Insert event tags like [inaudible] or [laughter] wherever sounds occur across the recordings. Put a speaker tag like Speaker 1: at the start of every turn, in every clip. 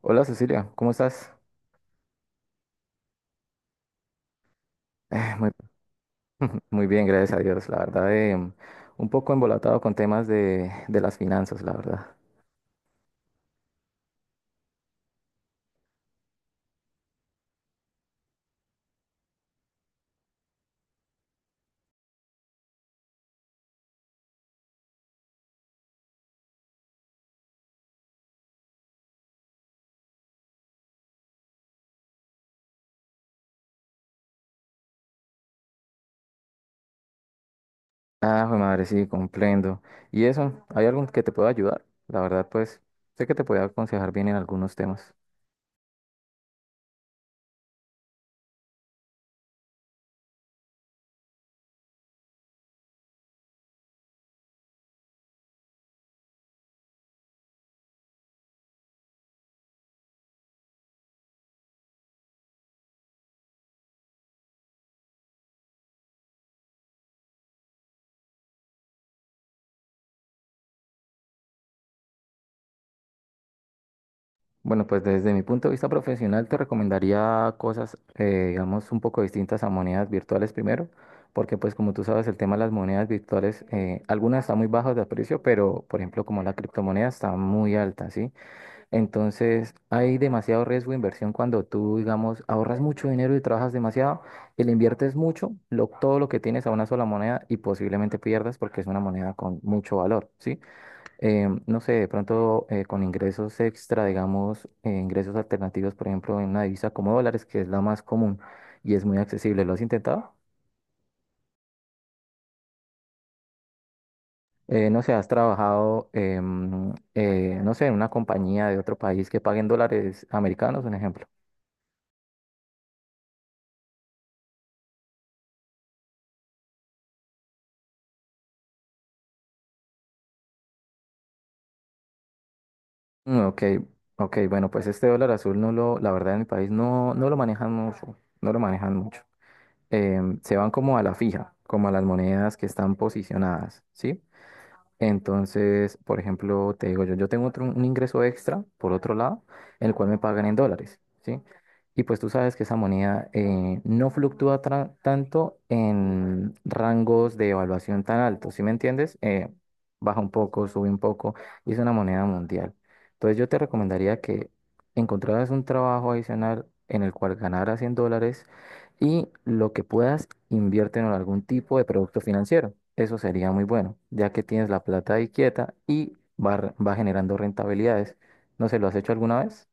Speaker 1: Hola Cecilia, ¿cómo estás? Muy, [laughs] muy bien, gracias a Dios. La verdad, un poco embolatado con temas de las finanzas, la verdad. Ah, jue madre, sí, comprendo. ¿Y eso? ¿Hay algo que te pueda ayudar? La verdad, pues, sé que te puede aconsejar bien en algunos temas. Bueno, pues desde mi punto de vista profesional te recomendaría cosas, digamos, un poco distintas a monedas virtuales primero, porque pues como tú sabes, el tema de las monedas virtuales, algunas están muy bajas de precio, pero por ejemplo como la criptomoneda está muy alta, ¿sí? Entonces, hay demasiado riesgo de inversión cuando tú, digamos, ahorras mucho dinero y trabajas demasiado, y le inviertes mucho, todo lo que tienes a una sola moneda y posiblemente pierdas porque es una moneda con mucho valor, ¿sí? No sé, de pronto con ingresos extra, digamos, ingresos alternativos, por ejemplo, en una divisa como dólares, que es la más común y es muy accesible. ¿Lo has intentado? No sé, has trabajado, no sé, en una compañía de otro país que pague en dólares americanos, un ejemplo. Mm, ok, ok, bueno, pues este dólar azul no lo, la verdad en mi país no, no lo manejan mucho, no lo manejan mucho. Se van como a la fija, como a las monedas que están posicionadas, ¿sí? Entonces, por ejemplo, te digo yo, yo tengo otro, un ingreso extra, por otro lado, en el cual me pagan en dólares, ¿sí? Y pues tú sabes que esa moneda no fluctúa tanto en rangos de evaluación tan altos, ¿sí me entiendes? Baja un poco, sube un poco, y es una moneda mundial. Entonces yo te recomendaría que encontraras un trabajo adicional en el cual ganaras en dólares y lo que puedas, inviértelo en algún tipo de producto financiero. Eso sería muy bueno, ya que tienes la plata ahí quieta y va, va generando rentabilidades. ¿No se lo has hecho alguna vez?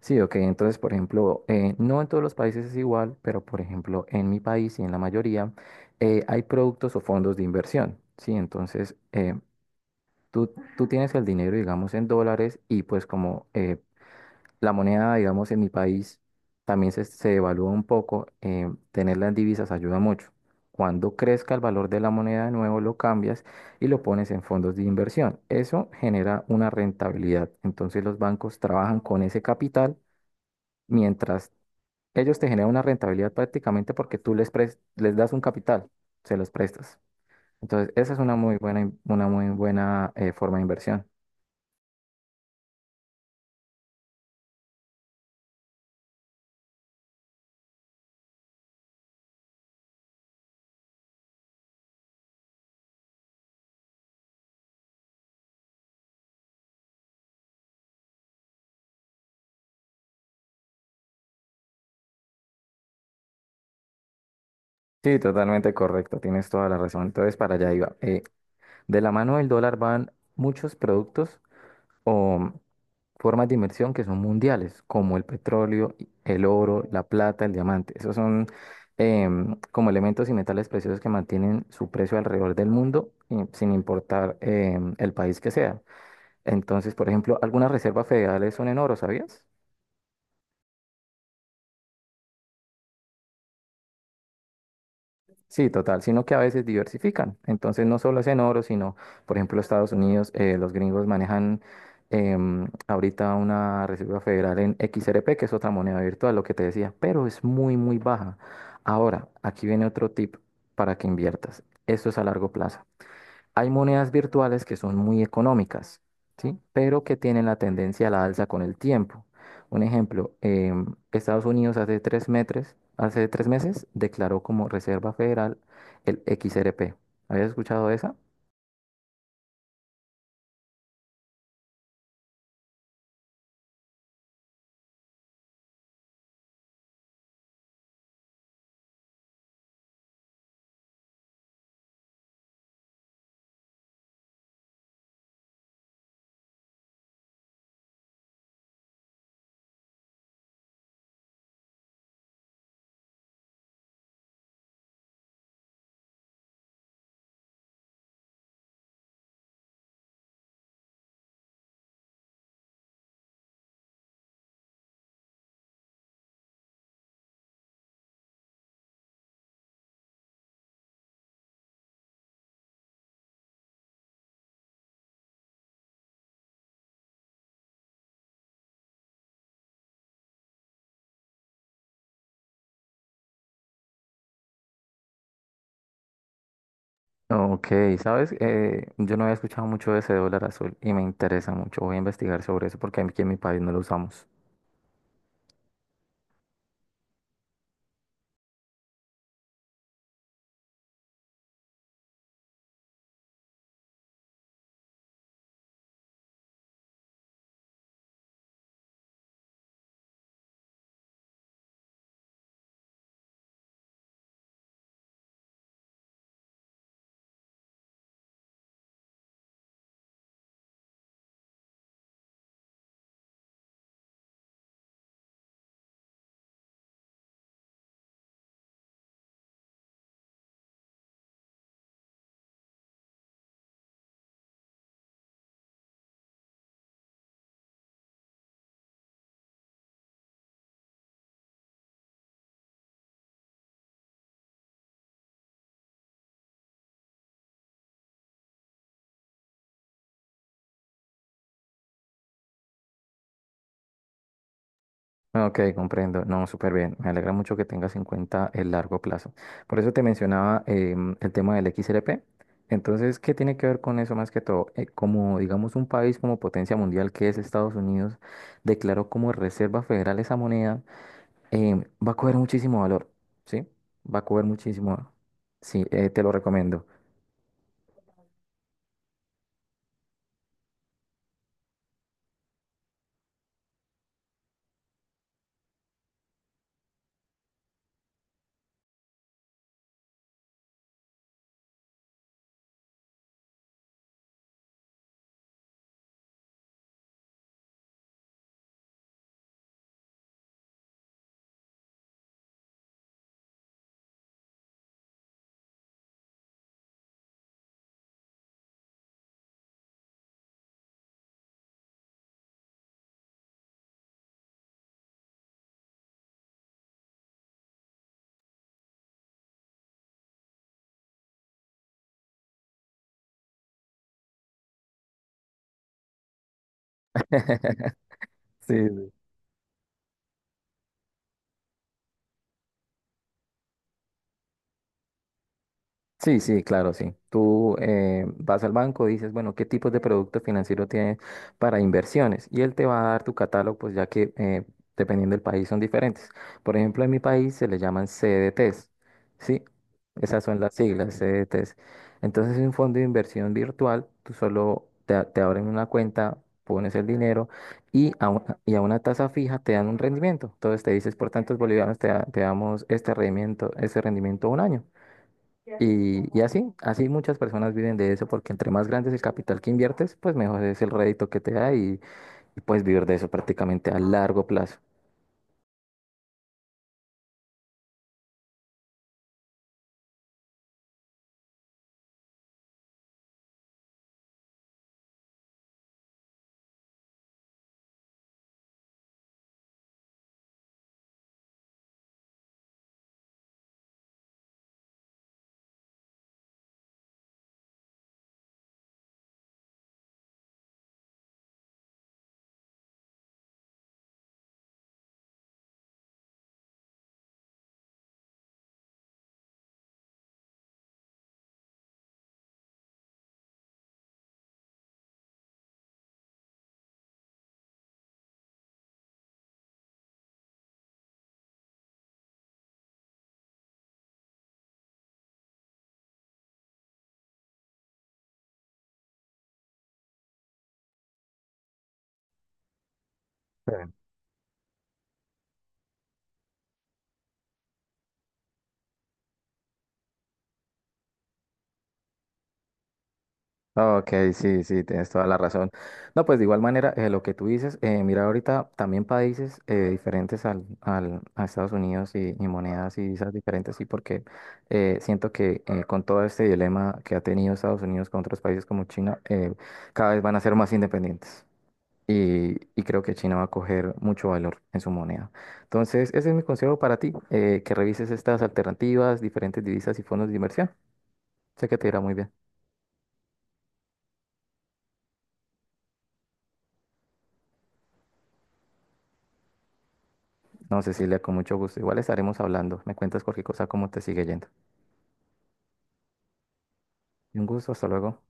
Speaker 1: Sí, ok. Entonces, por ejemplo, no en todos los países es igual, pero por ejemplo, en mi país y en la mayoría, hay productos o fondos de inversión. Sí, entonces tú tienes el dinero, digamos, en dólares y pues como la moneda, digamos, en mi país también se devalúa un poco. Tenerla en divisas ayuda mucho. Cuando crezca el valor de la moneda de nuevo, lo cambias y lo pones en fondos de inversión. Eso genera una rentabilidad. Entonces los bancos trabajan con ese capital mientras ellos te generan una rentabilidad prácticamente porque tú les das un capital, se los prestas. Entonces esa es una muy una muy buena forma de inversión. Sí, totalmente correcto, tienes toda la razón. Entonces, para allá iba. De la mano del dólar van muchos productos o formas de inversión que son mundiales, como el petróleo, el oro, la plata, el diamante. Esos son como elementos y metales preciosos que mantienen su precio alrededor del mundo, y sin importar el país que sea. Entonces, por ejemplo, algunas reservas federales son en oro, ¿sabías? Sí, total, sino que a veces diversifican. Entonces no solo es en oro, sino, por ejemplo, Estados Unidos, los gringos manejan ahorita una Reserva Federal en XRP, que es otra moneda virtual, lo que te decía, pero es muy, muy baja. Ahora, aquí viene otro tip para que inviertas. Esto es a largo plazo. Hay monedas virtuales que son muy económicas, ¿sí? Pero que tienen la tendencia a la alza con el tiempo. Un ejemplo, Estados Unidos hace tres meses declaró como Reserva Federal el XRP. ¿Habías escuchado de esa? Ok, sabes, yo no había escuchado mucho de ese dólar azul y me interesa mucho. Voy a investigar sobre eso porque aquí en mi país no lo usamos. Ah, ok, comprendo. No, súper bien. Me alegra mucho que tengas en cuenta el largo plazo. Por eso te mencionaba el tema del XRP. Entonces, ¿qué tiene que ver con eso más que todo? Como, digamos, un país como potencia mundial que es Estados Unidos, declaró como reserva federal esa moneda, va a coger muchísimo valor, ¿sí? Va a coger muchísimo valor. Sí, te lo recomiendo. [laughs] Sí, sí. Sí, sí, claro, sí. Tú vas al banco y dices, bueno, ¿qué tipos de producto financiero tienes para inversiones? Y él te va a dar tu catálogo, pues ya que dependiendo del país son diferentes. Por ejemplo, en mi país se le llaman CDTs, ¿sí? Esas son las siglas, CDTs. Entonces, es un fondo de inversión virtual, tú solo te abren una cuenta, pones el dinero y y a una tasa fija te dan un rendimiento. Entonces, te dices, por tantos bolivianos te damos este rendimiento un año. Y así, así muchas personas viven de eso porque entre más grande es el capital que inviertes, pues mejor es el rédito que te da y puedes vivir de eso prácticamente a largo plazo. Sí. Ok, sí, sí, tienes toda la razón. No, pues de igual manera, lo que tú dices, mira ahorita también países diferentes a Estados Unidos y monedas y esas diferentes, sí, porque siento que con todo este dilema que ha tenido Estados Unidos con otros países como China, cada vez van a ser más independientes. Y, y creo que China va a coger mucho valor en su moneda. Entonces, ese es mi consejo para ti, que revises estas alternativas, diferentes divisas y fondos de inversión. Sé que te irá muy bien. No, Cecilia, con mucho gusto. Igual estaremos hablando. Me cuentas cualquier cosa, cómo te sigue yendo. Un gusto, hasta luego.